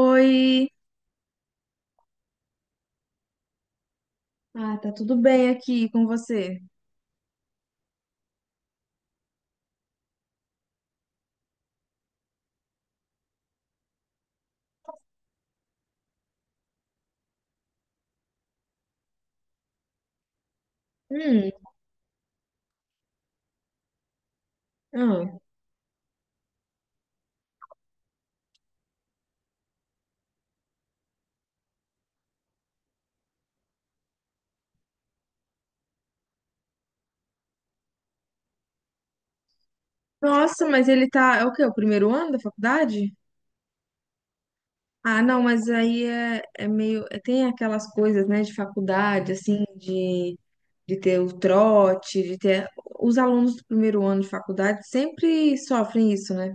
Oi! Ah, tá tudo bem aqui com você? Hum, ah. Nossa, mas ele tá, é o quê? O primeiro ano da faculdade? Ah, não, mas aí é meio, tem aquelas coisas, né, de faculdade, assim, de ter o trote, de ter... Os alunos do primeiro ano de faculdade sempre sofrem isso, né?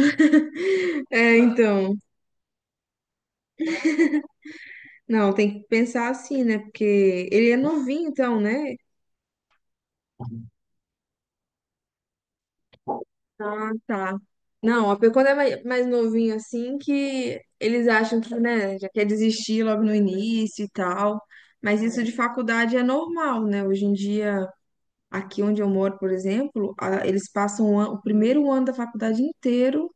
É, então, não, tem que pensar assim, né, porque ele é novinho, então, né? Ah, tá. Não, quando é mais novinho assim, que eles acham que, né, já quer desistir logo no início e tal. Mas isso de faculdade é normal, né? Hoje em dia, aqui onde eu moro, por exemplo, eles passam o primeiro ano da faculdade inteiro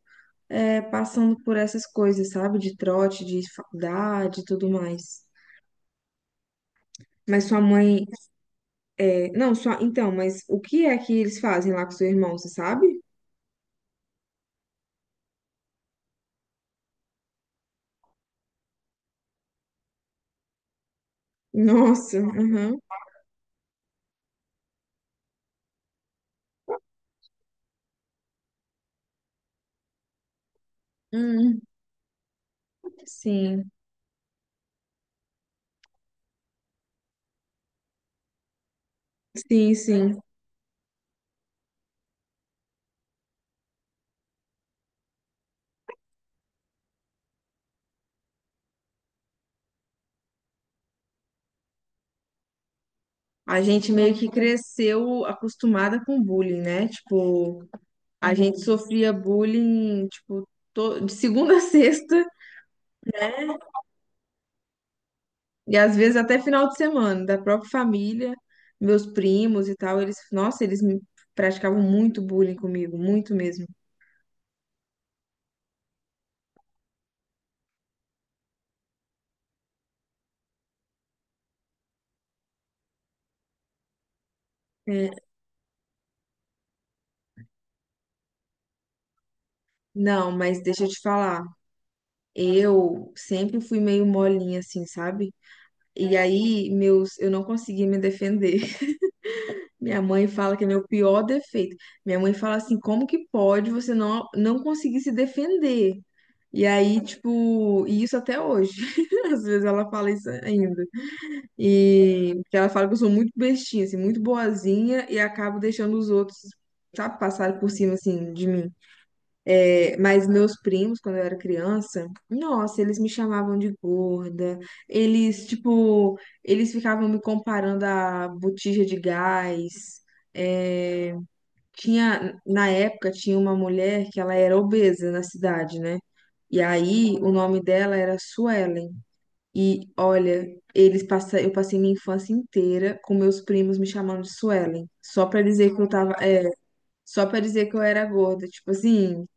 é, passando por essas coisas, sabe? De trote, de faculdade e tudo mais. Mas sua mãe. É, não, só. Então, mas o que é que eles fazem lá com seu irmão, você sabe? Nossa, aham. Hum, sim. Sim, sim. A gente meio que cresceu acostumada com bullying, né? Tipo, a gente sofria bullying, tipo, de segunda a sexta e às vezes até final de semana, da própria família, meus primos e tal, eles, nossa, eles me praticavam muito bullying comigo, muito mesmo. É, não, mas deixa eu te falar, eu sempre fui meio molinha assim, sabe? E aí, meus, eu não conseguia me defender. Minha mãe fala que é meu pior defeito. Minha mãe fala assim, como que pode você não conseguir se defender? E aí, tipo, e isso até hoje. Às vezes ela fala isso ainda. E que ela fala que eu sou muito bestinha, assim, muito boazinha e acabo deixando os outros, sabe, passar por cima, assim, de mim. É, mas meus primos, quando eu era criança, nossa, eles me chamavam de gorda. Eles, tipo, eles ficavam me comparando a botija de gás. É, tinha, na época, tinha uma mulher que ela era obesa na cidade, né? E aí o nome dela era Suelen. E olha, eu passei minha infância inteira com meus primos me chamando de Suelen, só pra dizer que eu tava, é, só pra dizer que eu era gorda, tipo assim,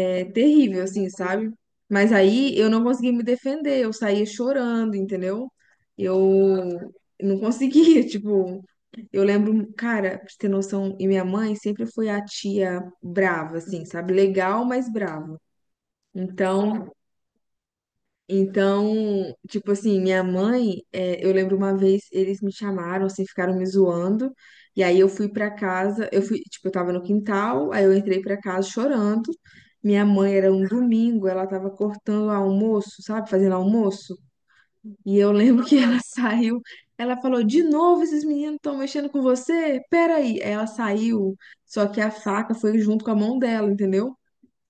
é terrível, assim, sabe? Mas aí eu não consegui me defender, eu saía chorando, entendeu? Eu não conseguia, tipo, eu lembro, cara, pra você ter noção, e minha mãe sempre foi a tia brava, assim, sabe? Legal, mas brava. Então, então, tipo assim, minha mãe, é, eu lembro uma vez eles me chamaram, assim, ficaram me zoando. E aí eu fui pra casa, eu fui, tipo, eu tava no quintal, aí eu entrei pra casa chorando. Minha mãe era um domingo, ela tava cortando almoço, sabe, fazendo almoço. E eu lembro que ela saiu, ela falou: "De novo esses meninos estão mexendo com você? Pera." Aí ela saiu, só que a faca foi junto com a mão dela, entendeu?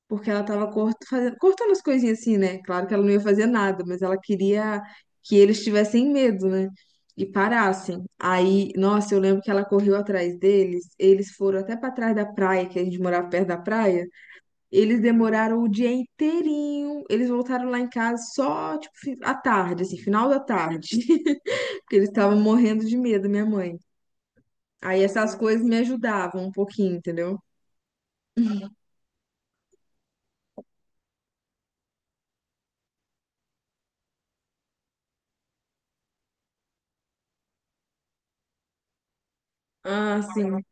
Porque ela tava cortando as coisinhas assim, né? Claro que ela não ia fazer nada, mas ela queria que eles tivessem medo, né? E parassem. Aí, nossa, eu lembro que ela correu atrás deles, eles foram até pra trás da praia, que a gente morava perto da praia. Eles demoraram o dia inteirinho, eles voltaram lá em casa só, tipo, à tarde, assim, final da tarde, porque eles estavam morrendo de medo, minha mãe. Aí essas coisas me ajudavam um pouquinho, entendeu? Ah, sim.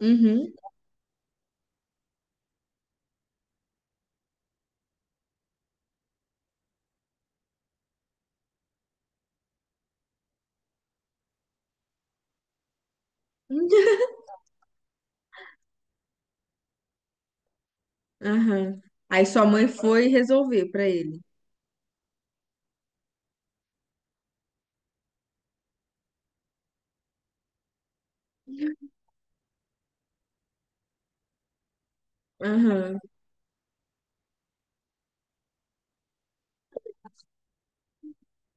Uhum. Aham. Aí sua mãe foi resolver pra ele. Aham.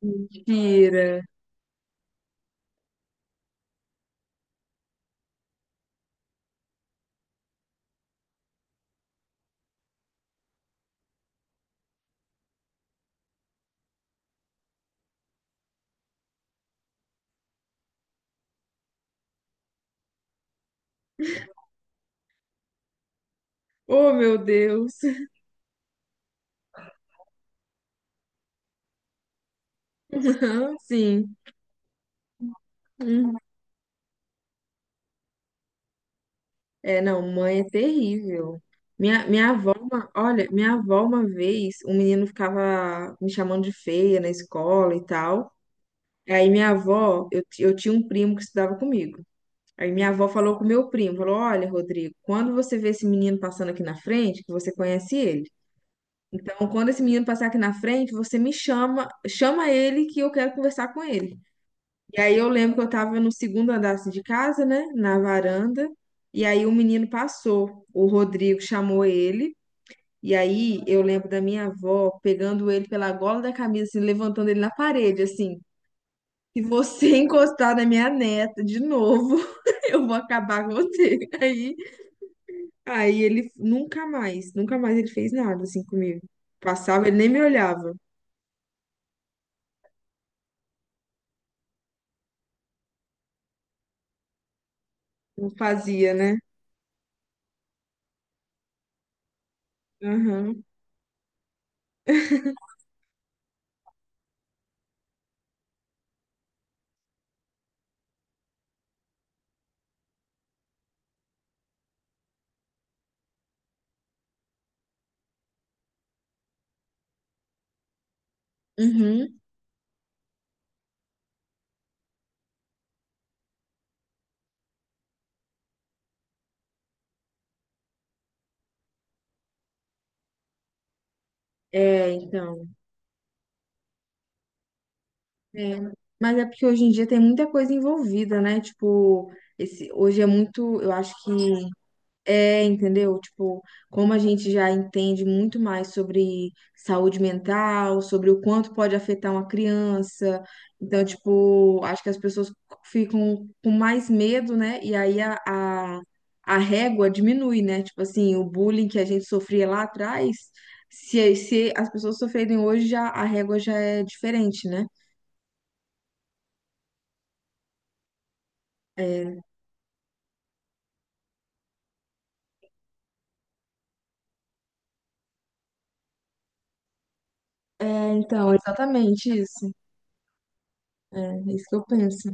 Mentira. Oh, meu Deus. Sim. Hum. É, não, mãe é terrível. Minha avó, olha, minha avó uma vez, um menino ficava me chamando de feia na escola e tal. Aí minha avó, eu, eu tinha um primo que estudava comigo. Aí minha avó falou com meu primo, falou, olha, Rodrigo, quando você vê esse menino passando aqui na frente, que você conhece ele. Então, quando esse menino passar aqui na frente, você me chama, chama ele que eu quero conversar com ele. E aí eu lembro que eu tava no segundo andar assim, de casa, né, na varanda, e aí o menino passou, o Rodrigo chamou ele, e aí eu lembro da minha avó pegando ele pela gola da camisa, assim, levantando ele na parede, assim, se você encostar na minha neta de novo, eu vou acabar com você. Aí, aí ele nunca mais ele fez nada assim comigo. Passava, ele nem me olhava. Não fazia, né? Aham. Uhum. É, então. É. Mas é porque hoje em dia tem muita coisa envolvida, né? Tipo, esse, hoje é muito, eu acho que é, entendeu? Tipo, como a gente já entende muito mais sobre saúde mental, sobre o quanto pode afetar uma criança. Então, tipo, acho que as pessoas ficam com mais medo, né? E aí a régua diminui, né? Tipo assim, o bullying que a gente sofria lá atrás, se as pessoas sofrerem hoje, já a régua já é diferente, né? É, exatamente isso. É, é isso que eu penso.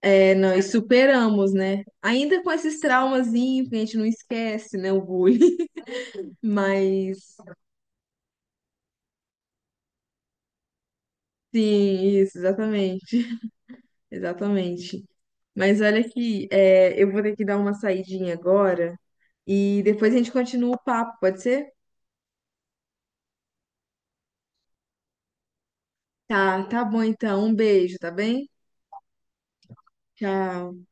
É, nós superamos, né? Ainda com esses traumazinhos que a gente não esquece, né? O bullying. Mas, sim, isso, exatamente. Exatamente. Mas olha aqui, é, eu vou ter que dar uma saidinha agora e depois a gente continua o papo, pode ser? Tá, tá bom então. Um beijo, tá bem? Tchau.